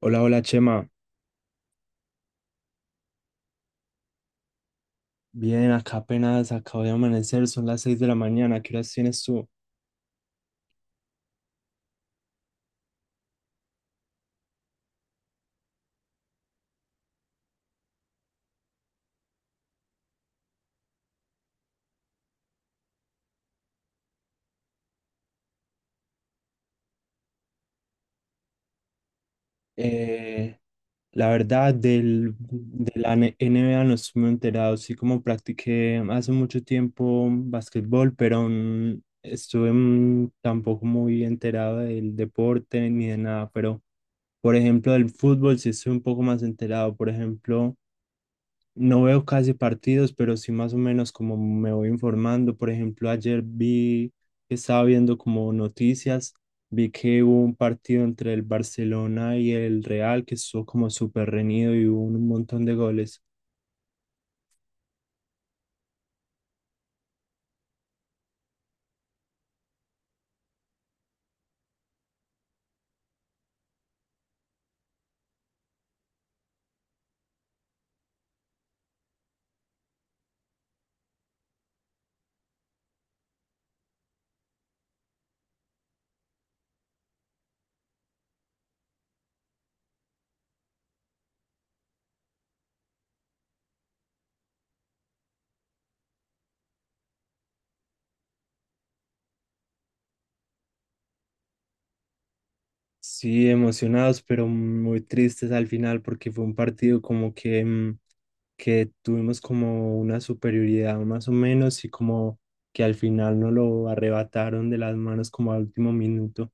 Hola, hola Chema. Bien, acá apenas acabo de amanecer, son las 6 de la mañana. ¿Qué horas tienes tú? Eh, la verdad, de la NBA no estoy muy enterado. Sí, como practiqué hace mucho tiempo básquetbol pero estuve tampoco muy enterado del deporte ni de nada. Pero, por ejemplo, del fútbol sí estoy un poco más enterado. Por ejemplo, no veo casi partidos, pero sí más o menos como me voy informando. Por ejemplo, ayer vi que estaba viendo como noticias, vi que hubo un partido entre el Barcelona y el Real que estuvo como súper reñido y hubo un montón de goles. Sí, emocionados, pero muy tristes al final porque fue un partido como que, que tuvimos como una superioridad más o menos y como que al final no lo arrebataron de las manos como al último minuto.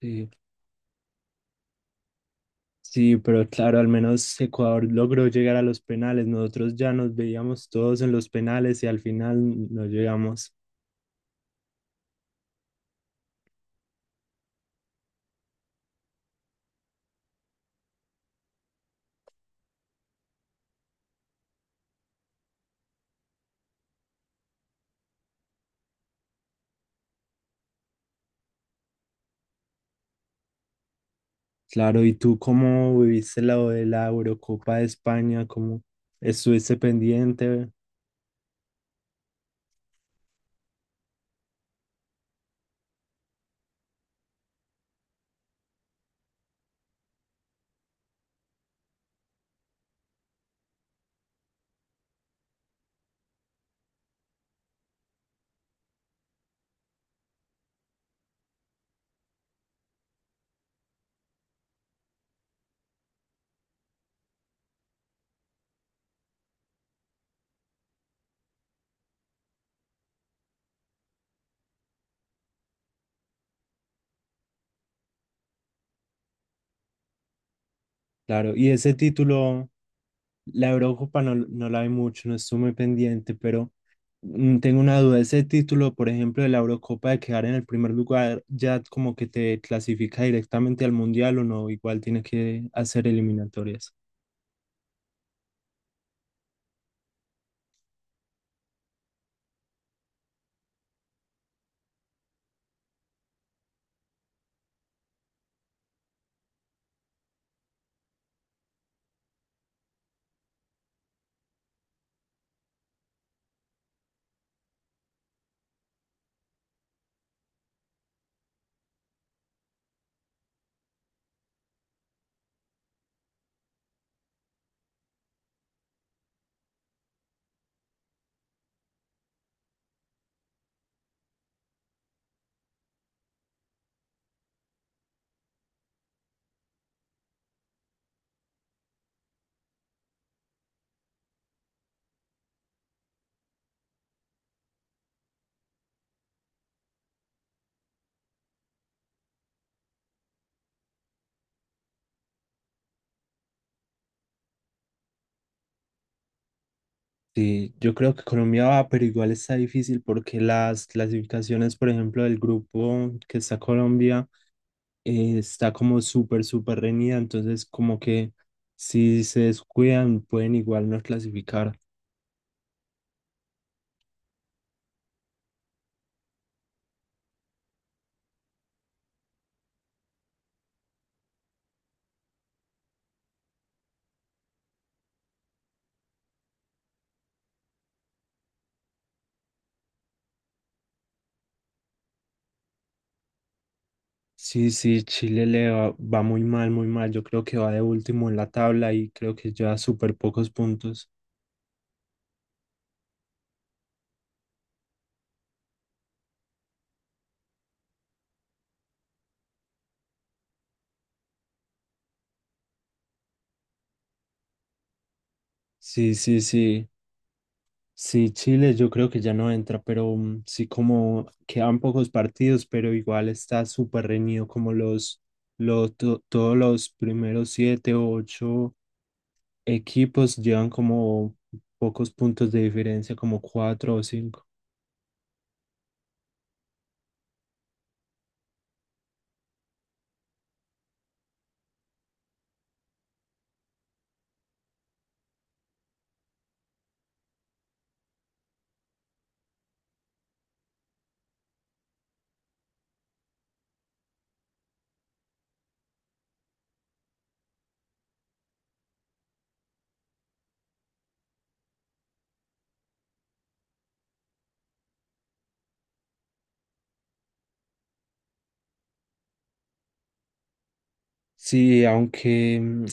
Sí. Sí, pero claro, al menos Ecuador logró llegar a los penales. Nosotros ya nos veíamos todos en los penales y al final no llegamos. Claro, ¿y tú cómo viviste lo de la Eurocopa de España? ¿Cómo estuviste pendiente? Claro, y ese título, la Eurocopa no, no la vi mucho, no estuve muy pendiente, pero tengo una duda. Ese título, por ejemplo, de la Eurocopa de quedar en el primer lugar, ya como que te clasifica directamente al Mundial o no, igual tiene que hacer eliminatorias. Sí, yo creo que Colombia va, pero igual está difícil porque las clasificaciones, por ejemplo, del grupo que está Colombia, está como súper, súper reñida, entonces como que si se descuidan pueden igual no clasificar. Sí, sí, Chile le va, va muy mal, yo creo que va de último en la tabla y creo que lleva súper pocos puntos. Sí, sí, sí. Sí, Chile yo creo que ya no entra, pero sí como quedan pocos partidos, pero igual está súper reñido como todos los primeros siete o ocho equipos llevan como pocos puntos de diferencia, como cuatro o cinco. Sí, aunque mm,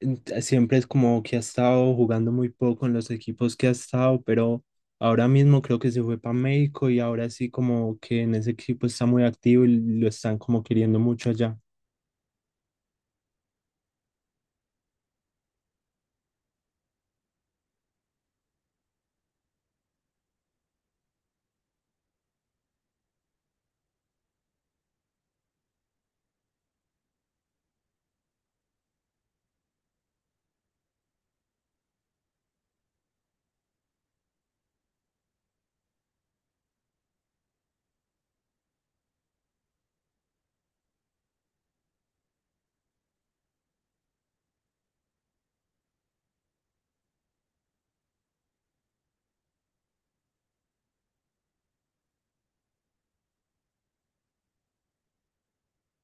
ent- siempre es como que ha estado jugando muy poco en los equipos que ha estado, pero ahora mismo creo que se fue para México y ahora sí como que en ese equipo está muy activo y lo están como queriendo mucho allá.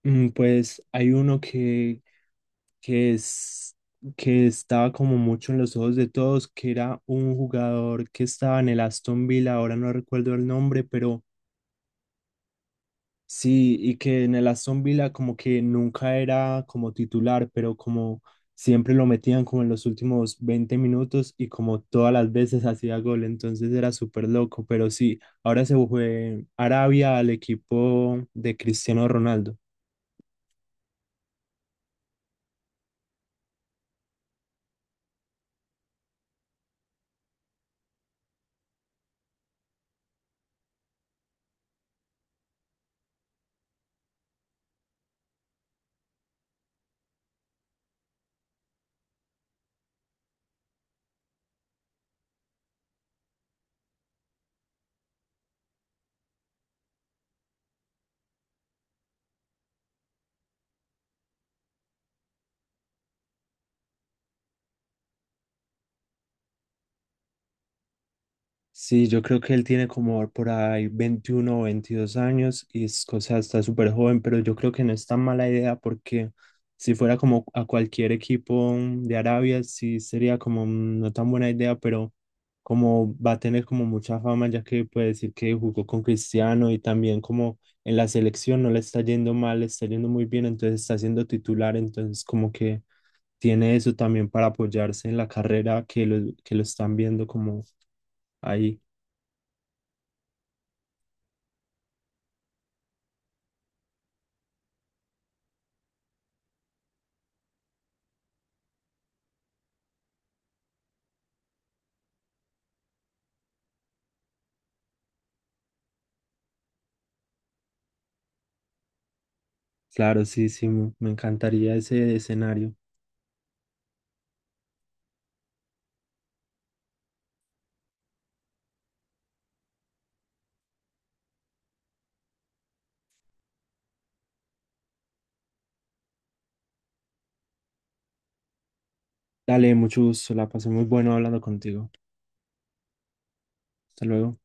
Pues hay uno que es que estaba como mucho en los ojos de todos, que era un jugador que estaba en el Aston Villa, ahora no recuerdo el nombre, pero sí, y que en el Aston Villa como que nunca era como titular, pero como siempre lo metían como en los últimos 20 minutos y como todas las veces hacía gol, entonces era súper loco, pero sí, ahora se fue Arabia al equipo de Cristiano Ronaldo. Sí, yo creo que él tiene como por ahí 21 o 22 años y es o sea, está súper joven, pero yo creo que no es tan mala idea porque si fuera como a cualquier equipo de Arabia, sí sería como no tan buena idea, pero como va a tener como mucha fama ya que puede decir que jugó con Cristiano y también como en la selección no le está yendo mal, le está yendo muy bien, entonces está siendo titular, entonces como que tiene eso también para apoyarse en la carrera que lo están viendo como ahí. Claro, sí, sí, me encantaría ese escenario. Dale, mucho gusto, la pasé muy bueno hablando contigo. Hasta luego.